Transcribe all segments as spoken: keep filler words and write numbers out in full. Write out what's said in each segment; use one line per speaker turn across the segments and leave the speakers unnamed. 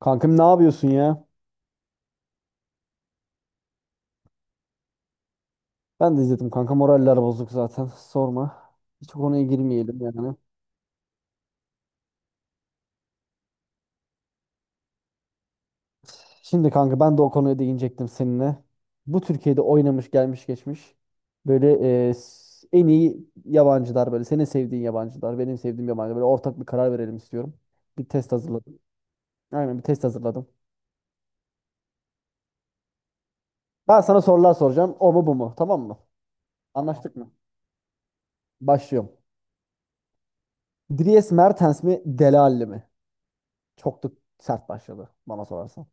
Kankam ne yapıyorsun ya? Ben de izledim kanka, moraller bozuk zaten, sorma. Hiç o konuya girmeyelim yani. Şimdi kanka ben de o konuya değinecektim seninle. Bu Türkiye'de oynamış gelmiş geçmiş. Böyle e, s- en iyi yabancılar, böyle senin sevdiğin yabancılar, benim sevdiğim yabancılar, böyle ortak bir karar verelim istiyorum. Bir test hazırladım. Aynen, bir test hazırladım. Ben sana sorular soracağım, o mu bu mu, tamam mı? Tamam. Anlaştık mı? Başlıyorum. Dries Mertens mi Dele Alli mi? Çok da sert başladı bana sorarsan.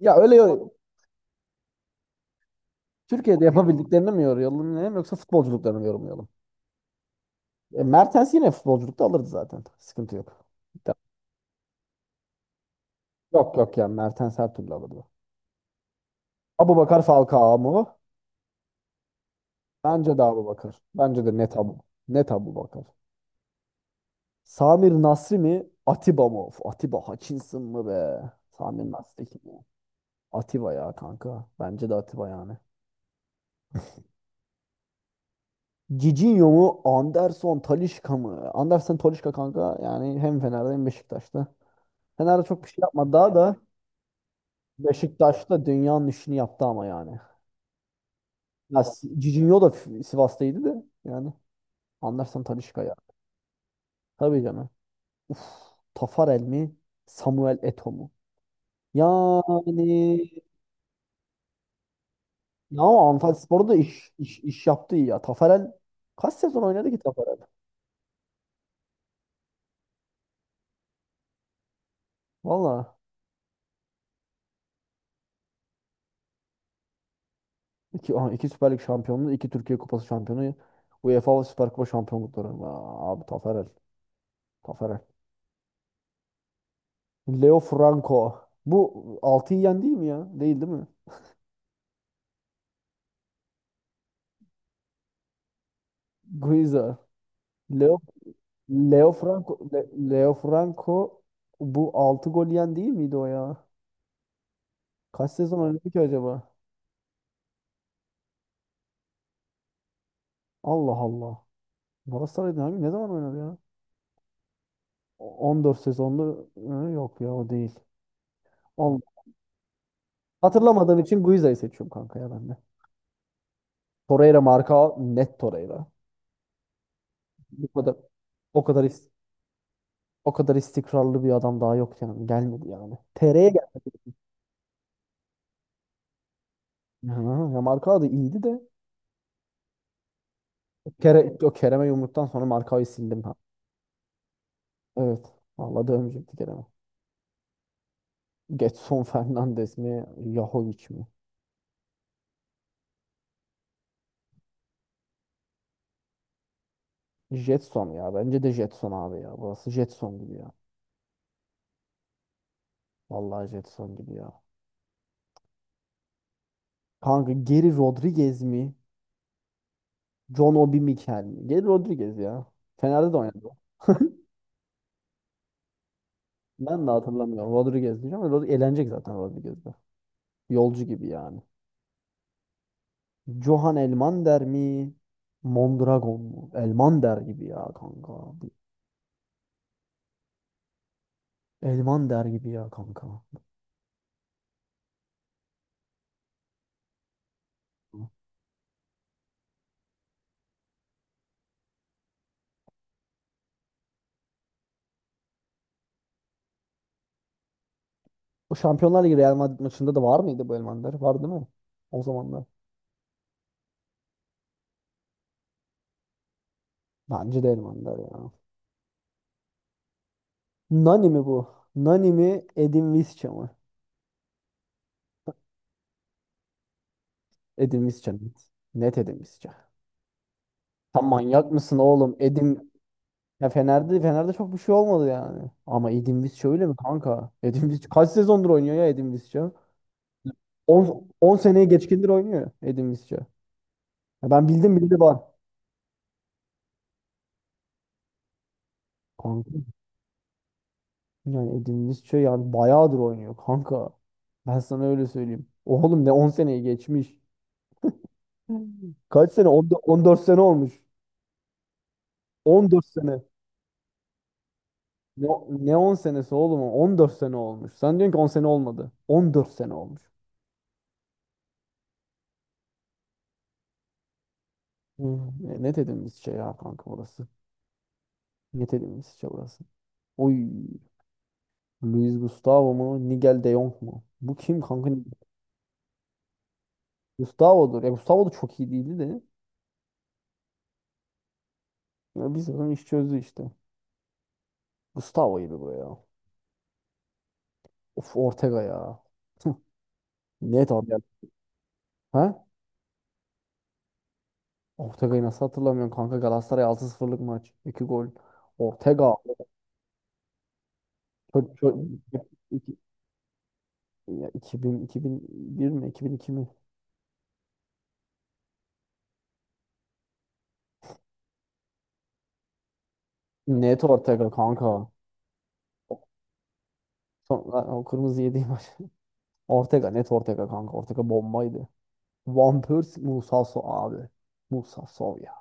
Ya, öyle öyle. Türkiye'de yapabildiklerini mi yorumlayalım yoksa futbolculuklarını mı yorumlayalım? E, Mertens yine futbolculukta alırdı zaten. Sıkıntı yok. Ta- Yok yok, yani Mertens her türlü alırdı. Abubakar Falcao mu? Bence de Abubakar. Bence de net Abu. Net Abubakar. Samir Nasri mi? Atiba mı? Of, Atiba Hutchinson mı be? Samir Nasri kim ya? Atiba ya kanka. Bence de Atiba yani. Cicinho mu? Anderson Talisca mı? Anderson Talisca kanka, yani hem Fener'de hem Beşiktaş'ta. Fener'de çok bir şey yapmadı, daha da Beşiktaş'ta dünyanın işini yaptı ama yani. Ya Si- Cicinho da F- Sivas'taydı da yani. Anlarsan Talisca ya. Tabii canım. Tafarel mi? Samuel Eto'o mu? Yani, ya ama Antalyaspor'da da iş, iş, iş yaptı iyi ya. Tafarel kaç sezon oynadı ki Tafarel? Valla iki, aha, iki Süper Lig şampiyonluğu, iki Türkiye Kupası şampiyonu, UEFA Süper Kupa şampiyonlukları. Aa, abi Tafarel. Tafarel. Leo Franco. Bu altıyı yendi mi ya? Değil değil mi? Guiza. Leo Leo Franco, Le- Leo Franco, bu altı gol yiyen değil miydi o ya? Kaç sezon oynadı ki acaba? Allah Allah. Galatasaray'da hangi ne zaman oynadı ya? O- on dört sezonda. Hı, yok ya, o değil. Allah. Hatırlamadığım için Guiza'yı seçiyorum kanka ya, ben de. Torreira marka, net Torreira. Bu kadar o kadar is- o kadar istikrarlı bir adam daha yok yani. Gelmedi yani. T R'ye gelmedi. Hı, ya marka da iyiydi de. Kere, o Kerem'e yumruktan sonra markayı sildim ha. Evet. Vallahi dövmeyecekti Kerem'e. Getson Fernandes mi? Yahovic mi? Jetson ya. Bence de Jetson abi ya. Burası Jetson gibi ya. Vallahi Jetson gibi ya. Kanka, Geri Rodriguez mi? John Obi Mikel mi? Geri Rodriguez ya. Fener'de de oynadı. Ben de hatırlamıyorum. Rodriguez diyeceğim, ama Rod eğlenecek zaten Rodriguez'de. Yolcu gibi yani. Johan Elmander mi? Mondragon mu? Elmander gibi ya kanka. Elmander gibi ya kanka. Bu Şampiyonlar Ligi Real Madrid maçında da var mıydı bu Elmander? Var, değil mi? O zamanlar. Bence de Elmander ya. Nani mi bu? Nani mi Edin Visca mı? Edin Visca net. Net Edin Visca. Sen manyak mısın oğlum? Edin ya, Fener'de Fener'de çok bir şey olmadı yani. Ama Edin Visca öyle mi kanka? Edin Visca kaç sezondur oynuyor ya, Edin Visca? On On seneye geçkindir oynuyor Edin Visca. Ya ben bildim bildi var. Kanka, yani Edin Visca yani bayağıdır oynuyor kanka. Ben sana öyle söyleyeyim. Oğlum, ne on seneye geçmiş. Kaç sene? on dört sene olmuş. On dört sene. Ne, ne on senesi oğlum? O? On dört sene olmuş. Sen diyorsun ki on sene olmadı. On dört sene olmuş. Hı, e, ne dediğimiz şey ya kanka burası. Ne dediğimiz şey burası. Oy. Luis Gustavo mu? Nigel de Jong mu? Bu kim kanka? Gustavo'dur. Ya Gustavo da çok iyi değildi de. Ya biz zaten iş çözdü işte. Gustavo'ydu bu ya. Of, Ortega ya. Hı, net abi ya. Ha? Ortega'yı nasıl hatırlamıyorum kanka? Galatasaray altı sıfırlık maç. iki gol. Ortega. Çö- çö- Ya iki bin, iki bin bir mi? iki bin iki mi? Net Ortega kanka. Sonra o kırmızı yediği maç. Ortega, net Ortega kanka. Ortega bombaydı. Van Persie, Musa Sow abi. Musa Sow ya.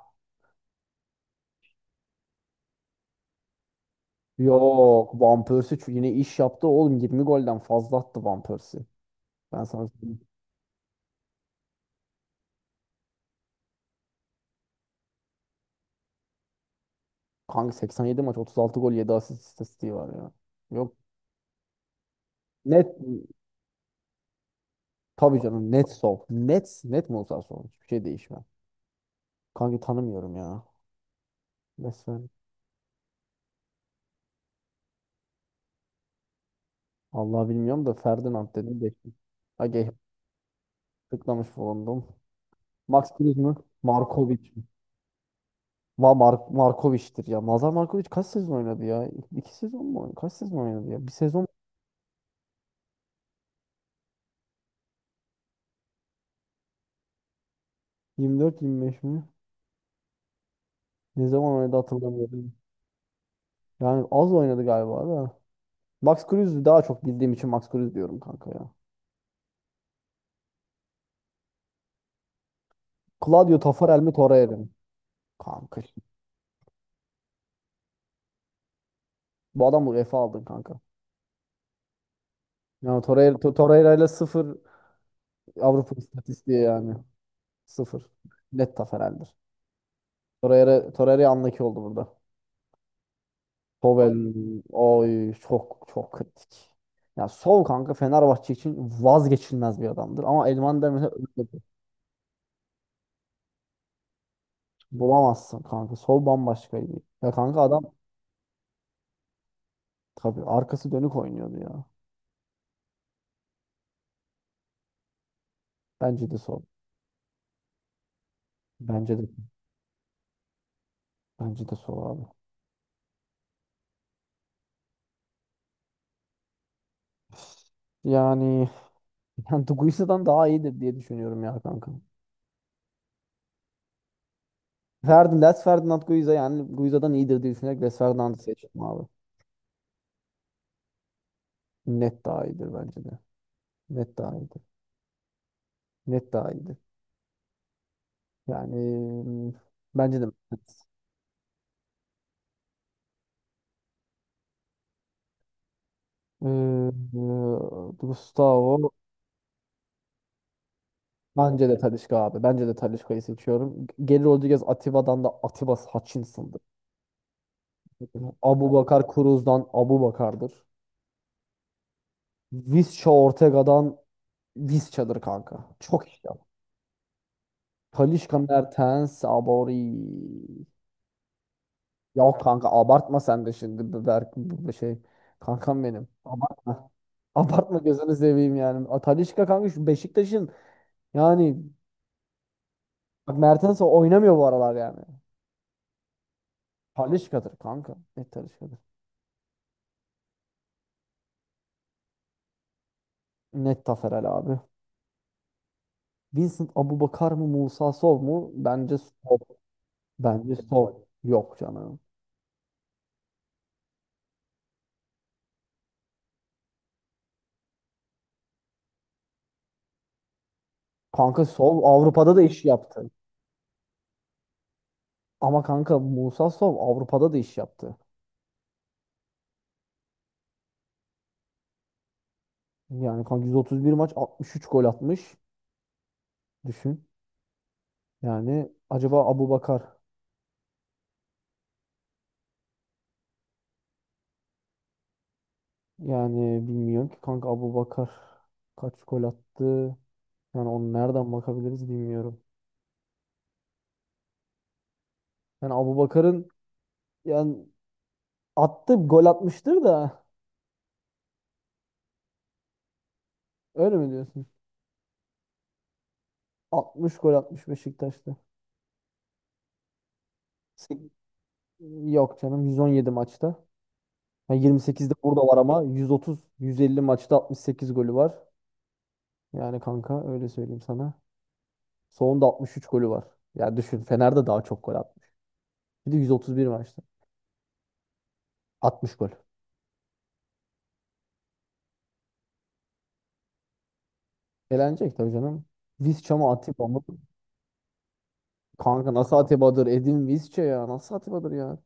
Yok Van Persie, çünkü yine iş yaptı oğlum. yirmi golden fazla attı Van Persie. Ben sana söyleyeyim. Kanka, seksen yedi maç otuz altı gol yedi asist istatistiği var ya. Yok, net tabii canım, net Sow. Net net Musa Sow. Hiçbir şey değişmez. Kanka, tanımıyorum ya. Resmen. Allah, bilmiyorum da Ferdinand dedim geçtim. Aga, tıklamış bulundum. Max Kruse mü? Markovic mi? Va Mar Markovic'tir ya. Mazar Markovic kaç sezon oynadı ya? İki sezon mu oynadı? Kaç sezon oynadı ya? Bir sezon yirmi dört yirmi beş mi? Ne zaman oynadı hatırlamıyorum. Yani az oynadı galiba da. Max Kruse'ü daha çok bildiğim için Max Kruse diyorum kanka ya. Claudio Taffarel mi Torreira mı? Kanka, şimdi. Bu adam UEFA aldın kanka. Yani Torreira, Torreira ile sıfır Avrupa istatistiği yani. Sıfır. Net Taffarel'dir. Torreira, Torreira anlaki oldu burada. Sobel, oy çok çok kritik. Ya Sol kanka Fenerbahçe için vazgeçilmez bir adamdır. Ama Elmander mesela öyle bir- bulamazsın kanka. Sol bambaşkaydı. Ya kanka adam, tabii arkası dönük oynuyordu ya. Bence de Sol. Bence de bence de Sol abi. Yani, yani Guiza'dan daha iyidir diye düşünüyorum ya kanka. Ferdin, Les Ferdinand Guiza, yani Guiza'dan iyidir diye düşünerek Les Ferdinand'ı seçtim abi. Net daha iyidir bence de. Net daha iyidir. Net daha iyiydi. Yani, mm, bence de, evet. Ee, Gustavo, bence de Talisca abi. Bence de Talisca'yı seçiyorum. Gelir Rodriguez Atiba'dan da, Atiba Hutchinson'dır. Abu Bakar Cruz'dan, Abu Bakar'dır. Visca Ortega'dan, Visca'dır kanka. Çok iyi ya. Talisca Mertens Abori. Ya kanka abartma sen de şimdi. Bu Berk, bu bu şey. Kankam benim. Abartma. Abartma gözünü seveyim yani. A, Talisca kanka, şu Beşiktaş'ın. Yani bak, Mertens oynamıyor bu aralar yani. Talisca'dır kanka. Net Talisca'dır. Net Taferel abi. Vincent Abubakar mı Musa Sol mu? Bence Sol. Bence Sol. Yok canım. Kanka Sol Avrupa'da da iş yaptı. Ama kanka Musa Sol Avrupa'da da iş yaptı. Yani kanka yüz otuz bir maç altmış üç gol atmış. Düşün. Yani acaba Abubakar, yani bilmiyorum ki kanka, Abubakar kaç gol attı? Yani onu nereden bakabiliriz bilmiyorum. Yani Abubakar'ın, yani attı, gol atmıştır da, öyle mi diyorsun? altmış gol atmış Beşiktaş'ta. Sek- Yok canım, yüz on yedi maçta. Ha, yirmi sekizde burada var ama yüz otuz yüz elli maçta altmış sekiz golü var. Yani kanka öyle söyleyeyim sana. Sonunda altmış üç golü var. Ya düşün, Fener'de daha çok gol atmış. Bir de yüz otuz bir maçta altmış gol. Elenecek tabii canım. Visca mı Atiba mı? Kanka, nasıl Atiba'dır? Edin Visca ya. Nasıl Atiba'dır ya?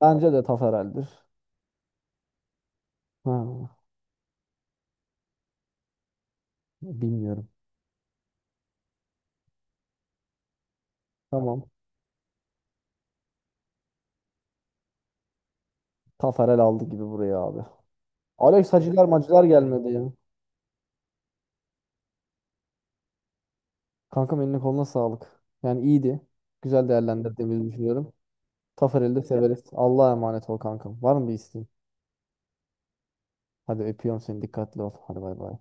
Bence de Taferel'dir. Ha, bilmiyorum. Tamam. Tafarel aldı gibi buraya abi. Alex Hacılar Macılar gelmedi ya. Kankam, eline koluna sağlık. Yani iyiydi. Güzel değerlendirdiğimizi düşünüyorum. Tafarel'i de severiz. Allah'a emanet ol kankam. Var mı bir isteğin? Hadi, öpüyorum seni. Dikkatli ol. Hadi bay bay.